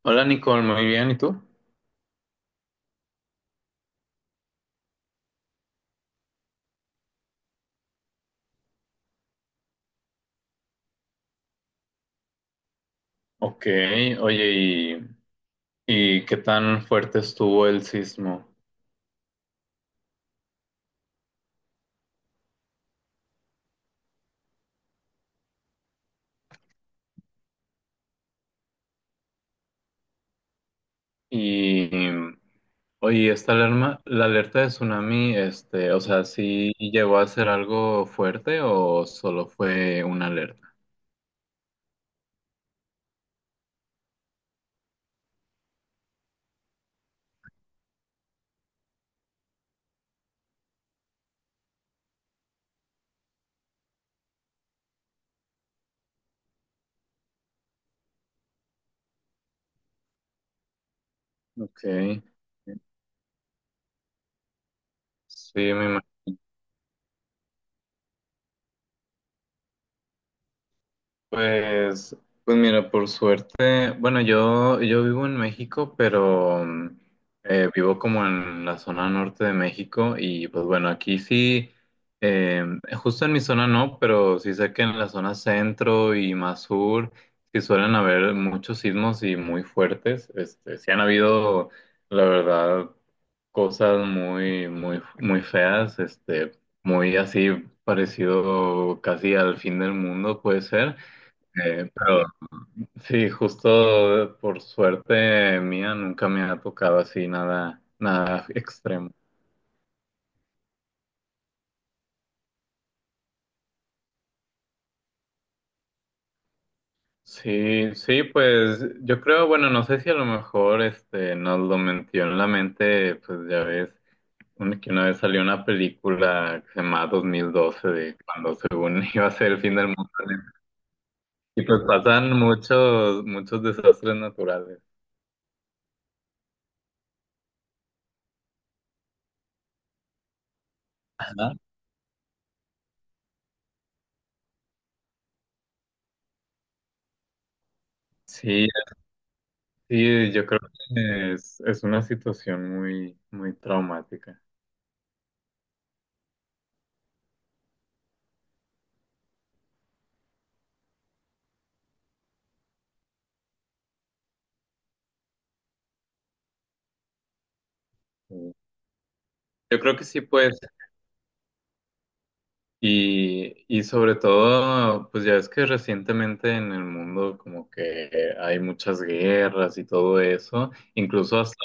Hola Nicole, muy bien, ¿y tú? Ok, oye, ¿y qué tan fuerte estuvo el sismo? Y, oye, esta alarma, la alerta de tsunami, este, o sea, ¿sí llegó a ser algo fuerte o solo fue una alerta? Ok, sí, me... Pues, pues mira, por suerte, bueno, yo vivo en México, pero mm, vivo como en la zona norte de México y pues bueno, aquí sí, eh, justo en mi zona no, pero sí sé que en la zona centro y más sur sí suelen haber muchos sismos y muy fuertes, este, sí han habido, la verdad, cosas muy, muy, muy feas, este, muy así parecido casi al fin del mundo puede ser. Pero sí, justo por suerte mía nunca me ha tocado así nada, nada extremo. Sí, sí, pues yo creo, bueno, no sé si a lo mejor este nos lo metió en la mente, pues ya ves, que una vez salió una película que se llama 2012 de cuando según iba a ser el fin del mundo, ¿no? Y pues pasan muchos, muchos desastres naturales. Ajá. Sí, sí, yo creo que es una situación muy, muy traumática. Mm. Yo creo que sí, pues, y sobre todo, pues ya ves que recientemente en el mundo como que hay muchas guerras y todo eso, incluso hasta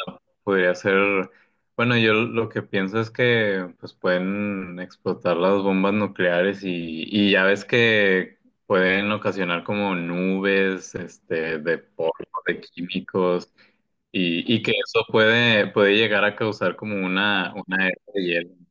podría ser, bueno, yo lo que pienso es que pues pueden explotar las bombas nucleares y ya ves que pueden ocasionar como nubes, este, de polvo, de químicos, y que eso puede llegar a causar como una era de hielo.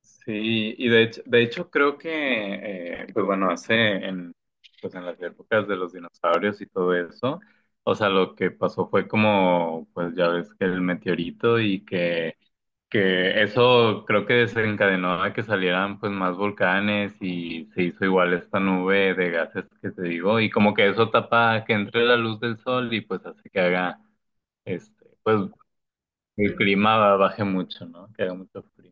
Sí, y de hecho creo que, pues bueno, hace en, pues en las épocas de los dinosaurios y todo eso, o sea, lo que pasó fue como, pues ya ves que el meteorito y que eso creo que desencadenó a que salieran pues más volcanes y se hizo igual esta nube de gases que te digo, y como que eso tapa que entre la luz del sol y pues hace que haga, este, pues el clima baje mucho, ¿no? Que haga mucho frío.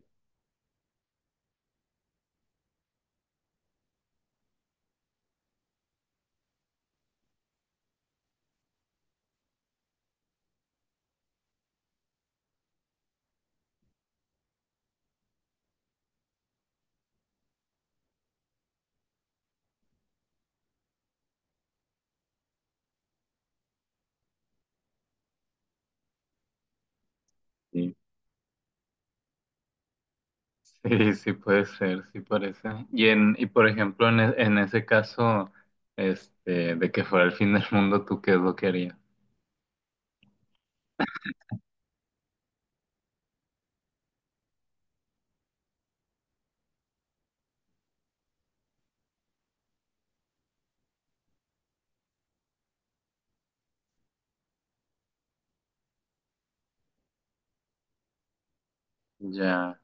Sí. Sí, sí puede ser, sí parece. Y en, y por ejemplo, en, en ese caso, este, de que fuera el fin del mundo, ¿tú qué es lo que harías? Ya,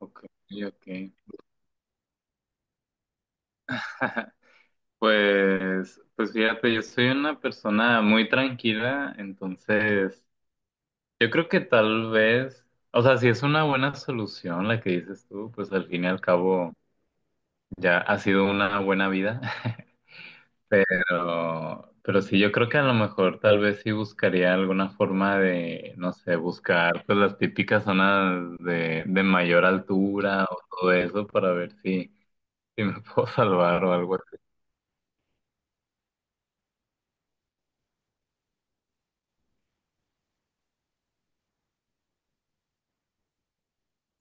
ok, ok. Pues, pues fíjate, yo soy una persona muy tranquila, entonces yo creo que tal vez, o sea, si es una buena solución la que dices tú, pues al fin y al cabo ya ha sido una buena vida. Pero sí, yo creo que a lo mejor tal vez sí buscaría alguna forma de, no sé, buscar pues las típicas zonas de mayor altura o todo eso para ver si, si me puedo salvar o algo así.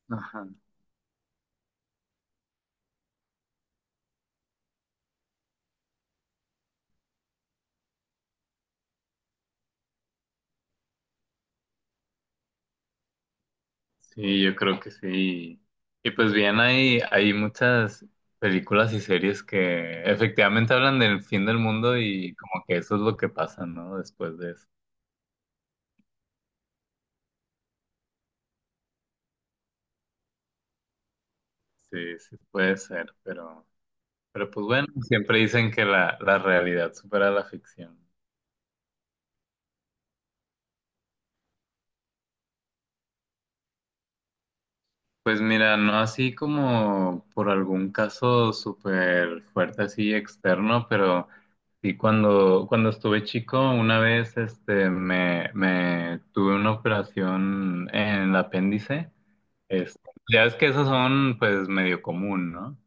Ajá. Sí, yo creo que sí. Y pues bien, hay muchas películas y series que efectivamente hablan del fin del mundo y como que eso es lo que pasa, ¿no? Después de eso. Sí, sí puede ser, pero... Pero pues bueno, siempre dicen que la realidad supera la ficción. Pues mira, no así como por algún caso súper fuerte así externo, pero sí cuando, cuando estuve chico, una vez este me tuve una operación en el apéndice. Este, ya es que esos son pues medio común, ¿no?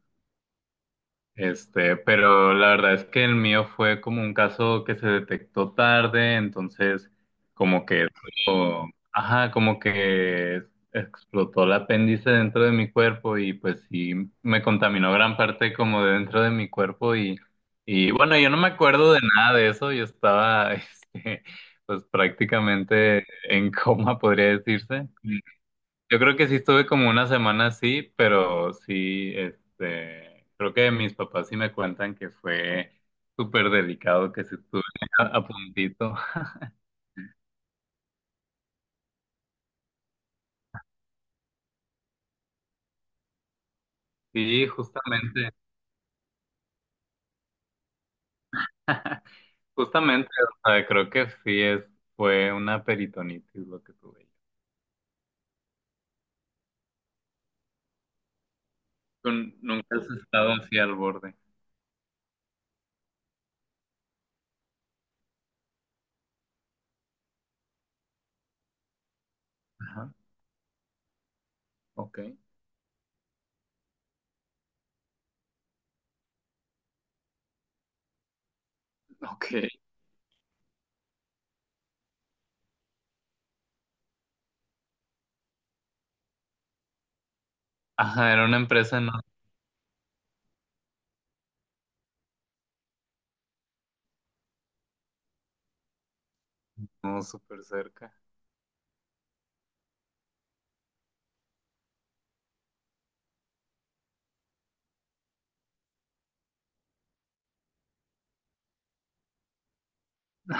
Este, pero la verdad es que el mío fue como un caso que se detectó tarde, entonces como que eso- ajá, como que explotó el apéndice dentro de mi cuerpo y pues sí me contaminó gran parte como de dentro de mi cuerpo y bueno, yo no me acuerdo de nada de eso, yo estaba este, pues prácticamente en coma, podría decirse. Yo creo que sí estuve como una semana así, pero sí, este, creo que mis papás sí me cuentan que fue súper delicado, que sí estuve a puntito. Sí, justamente, justamente, o sea, creo que sí fue una peritonitis lo que tuve. ¿Tú nunca has estado así al borde? Ajá, ok, ok. Ajá, era una empresa no, no súper cerca.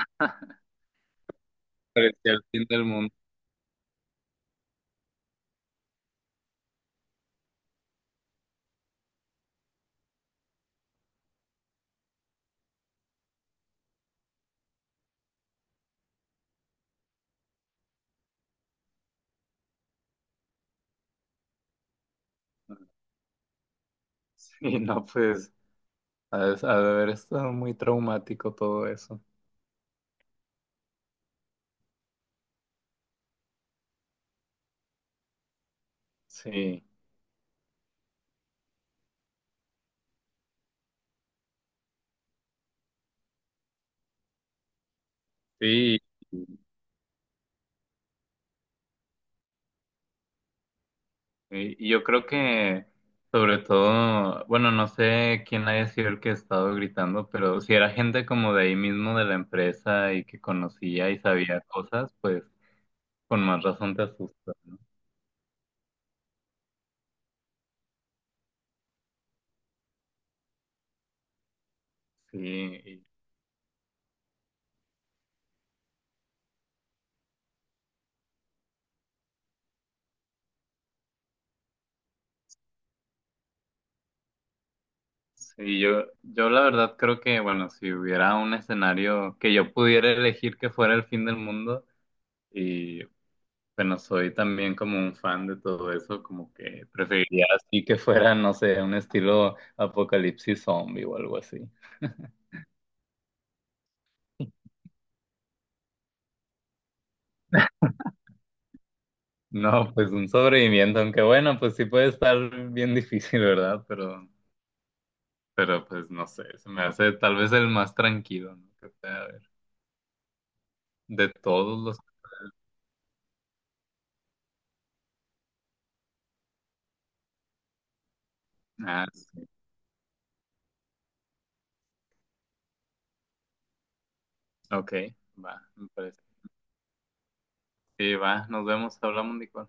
Parecía el fin del mundo. Sí, no, pues. Ha de haber estado muy traumático todo eso. Sí, sí. Y, y yo creo que, sobre todo, bueno, no sé quién haya sido el que ha estado gritando, pero si era gente como de ahí mismo de la empresa y que conocía y sabía cosas, pues con más razón te asusta. Sí, y- sí, yo la verdad creo que, bueno, si hubiera un escenario que yo pudiera elegir que fuera el fin del mundo, y bueno, soy también como un fan de todo eso, como que preferiría así que fuera, no sé, un estilo apocalipsis zombie o algo así. No, pues un sobreviviente, aunque bueno, pues sí puede estar bien difícil, ¿verdad? Pero pues no sé, se me hace tal vez el más tranquilo, ¿no? Que pueda haber. De todos los... Ah, sí. Ok, va, me parece. Sí, va, nos vemos, hablamos, Nicole.